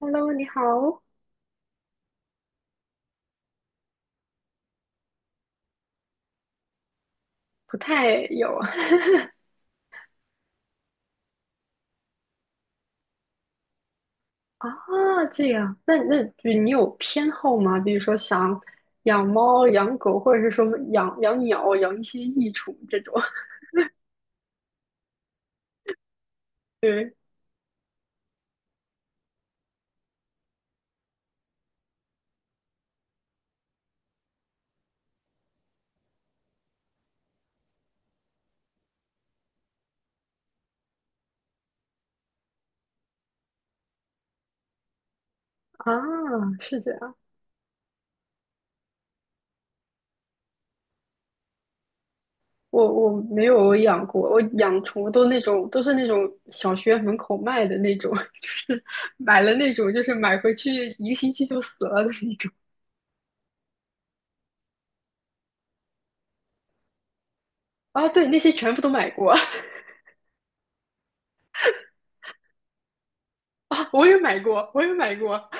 Hello，你好。不太有。 啊，这样。那你有偏好吗？比如说想养猫、养狗，或者是说养养鸟、养一些益虫这种。对啊，是这样。我没有养过，我养宠物都是那种小学门口卖的那种。就是买了那种，就是买回去一个星期就死了的那种。啊，对，那些全部都买过。啊，我也买过，我也买过。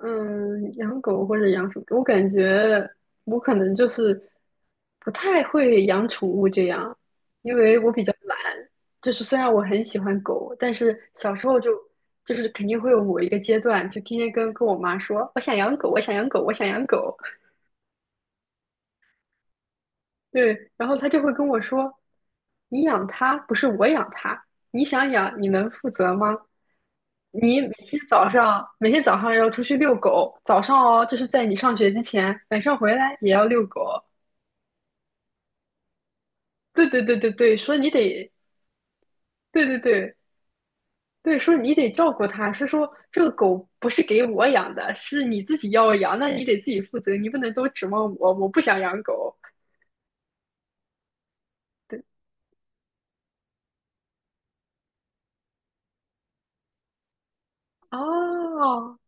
嗯，养狗或者养鼠，我感觉我可能就是不太会养宠物这样，因为我比较懒。就是虽然我很喜欢狗，但是小时候就是肯定会有某一个阶段，就天天跟我妈说，我想养狗，我想养狗，我想养狗。对，然后他就会跟我说："你养它不是我养它，你想养你能负责吗？你每天早上要出去遛狗，早上哦，这是在你上学之前，晚上回来也要遛狗。对对对对对，说你得对对对对，说你得照顾它，是说这个狗不是给我养的，是你自己要养，那你得自己负责，你不能都指望我，我不想养狗。对。哦，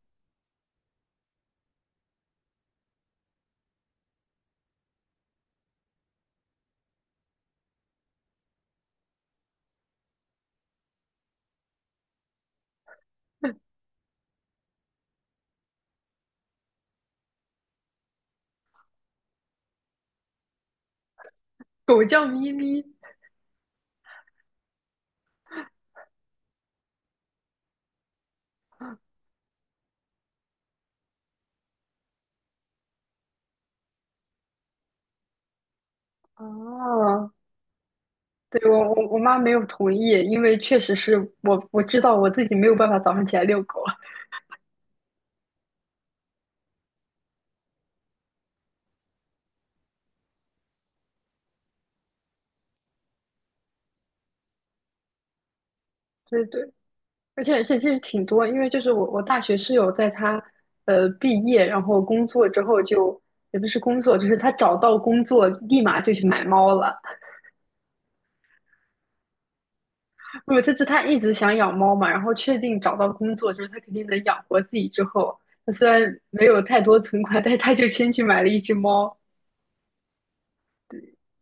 狗叫咪咪。哦。"对，我妈没有同意，因为确实是我知道我自己没有办法早上起来遛狗。对对，而且其实挺多，因为就是我大学室友在她毕业然后工作之后就，也不是工作，就是她找到工作立马就去买猫了。不，就是她一直想养猫嘛，然后确定找到工作就是她肯定能养活自己之后，她虽然没有太多存款，但是她就先去买了一只猫，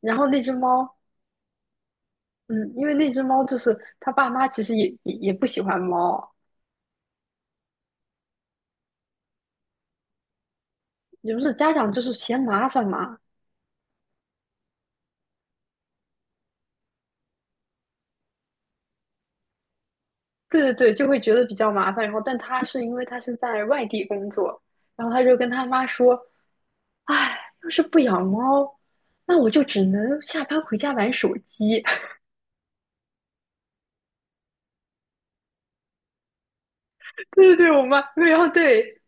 然后那只猫。嗯，因为那只猫就是他爸妈，其实也不喜欢猫。也不是，家长就是嫌麻烦嘛。对对对，就会觉得比较麻烦。然后，但他是因为他是在外地工作，然后他就跟他妈说："哎，要是不养猫，那我就只能下班回家玩手机。对对对，我妈对，然后对。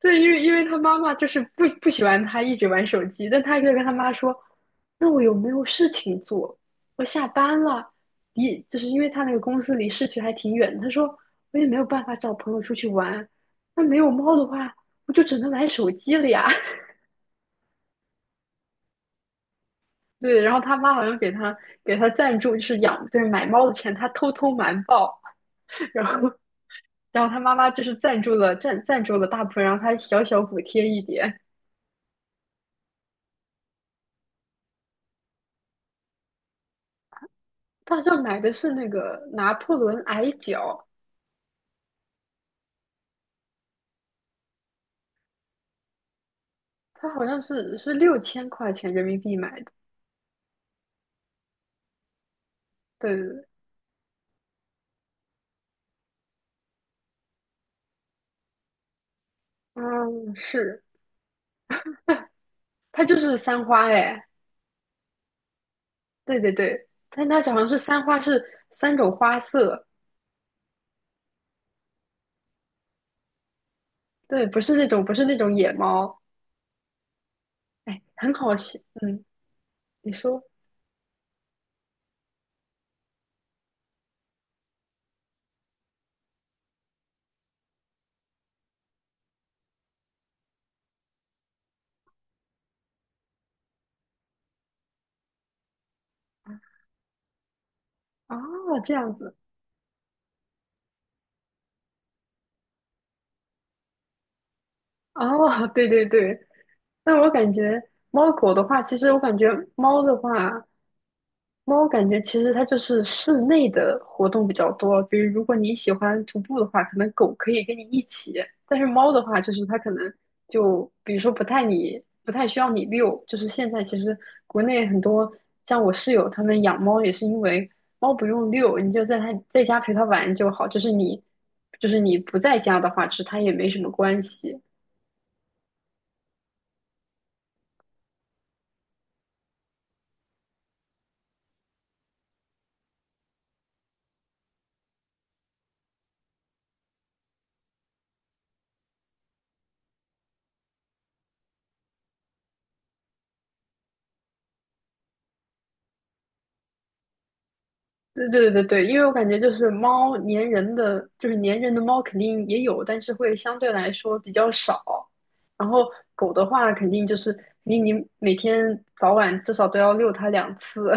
对，因为他妈妈就是不喜欢他一直玩手机，但他就跟他妈说："那我有没有事情做？我下班了。就是因为他那个公司离市区还挺远。"他说："我也没有办法找朋友出去玩，那没有猫的话，我就只能玩手机了呀。" 对，然后他妈好像给他赞助，就是养，就是买猫的钱，他偷偷瞒报。然后然后他妈妈就是赞助了大部分，然后他小小补贴一点。他好像买的是那个拿破仑矮脚。它好像是6000块钱人民币买的。对对对。嗯，是。它就是三花哎。对对对，但它好像是三花，是三种花色。对，不是那种野猫。哎，很好笑。嗯，你说。哦，这样子。哦，对对对。但我感觉猫狗的话，其实我感觉猫的话，猫感觉其实它就是室内的活动比较多。比如，如果你喜欢徒步的话，可能狗可以跟你一起；但是猫的话，就是它可能就比如说不太你不太需要你遛。就是现在其实国内很多像我室友他们养猫也是因为猫不用遛，你就在它在家陪它玩就好。就是你不在家的话，其实它也没什么关系。对对对对。因为我感觉就是猫粘人的，就是粘人的猫肯定也有，但是会相对来说比较少。然后狗的话，肯定就是你每天早晚至少都要遛它2次。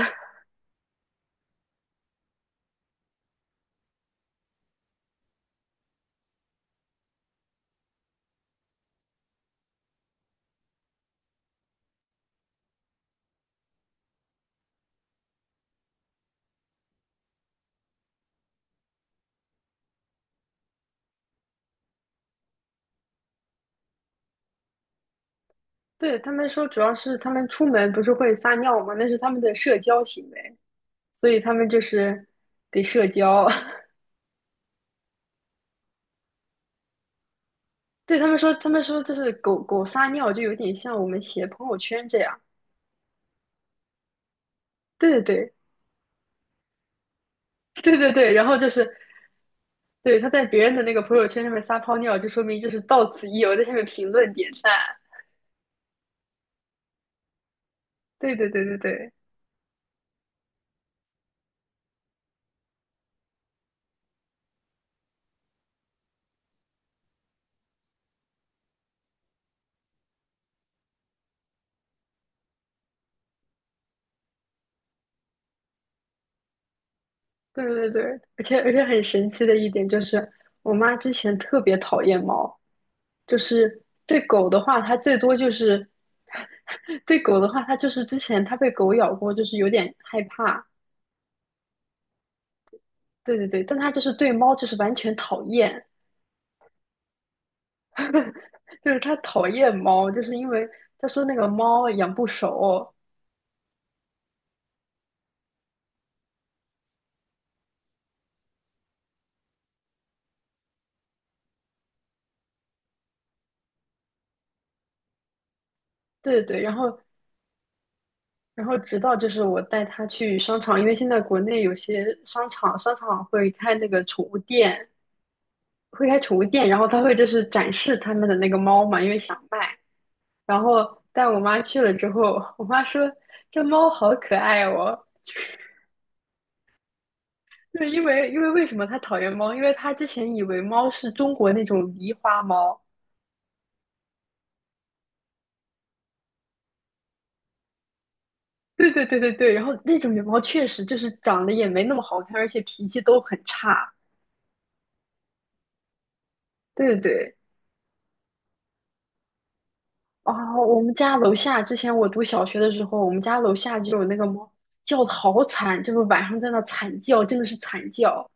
对，他们说主要是他们出门不是会撒尿吗？那是他们的社交行为，所以他们就是得社交。对，他们说就是狗狗撒尿就有点像我们写朋友圈这样。对对对。 对对对，然后就是对，他在别人的那个朋友圈上面撒泡尿，就说明就是到此一游，在下面评论点赞。对对对对对对对对。而且很神奇的一点就是，我妈之前特别讨厌猫，就是对狗的话，她最多就是。 对狗的话，她就是之前她被狗咬过，就是有点害怕。对对对，但她就是对猫就是完全讨厌，就是她讨厌猫，就是因为她说那个猫养不熟。对对对，然后直到就是我带他去商场，因为现在国内有些商场会开那个宠物店，会开宠物店，然后他会就是展示他们的那个猫嘛，因为想卖然后带我妈去了之后，我妈说这猫好可爱哦。对，因为为什么她讨厌猫？因为她之前以为猫是中国那种狸花猫。对对对对对。然后那种狸猫确实就是长得也没那么好看，而且脾气都很差。对对对。啊，我们家楼下之前我读小学的时候，我们家楼下就有那个猫叫的好惨，就是晚上在那惨叫，真的是惨叫。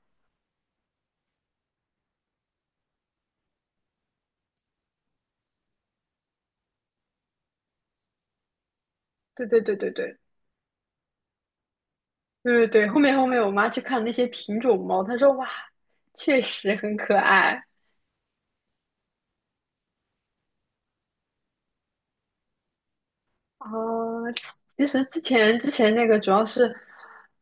对对对对对对对对。后面我妈去看那些品种猫，她说哇，确实很可爱。呃，其实之前那个主要是，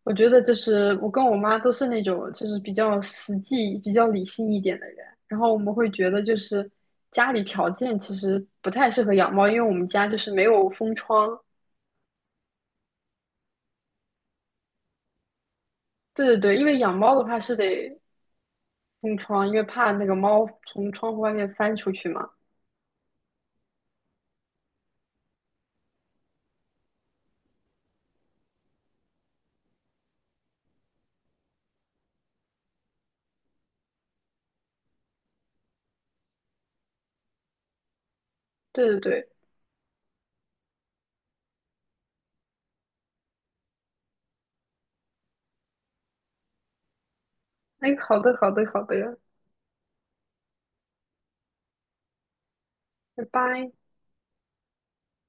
我觉得就是我跟我妈都是那种就是比较实际、比较理性一点的人，然后我们会觉得就是家里条件其实不太适合养猫，因为我们家就是没有封窗。对对对，因为养猫的话是得封窗，因为怕那个猫从窗户外面翻出去嘛。对对对。哎，好的好的好的。拜拜。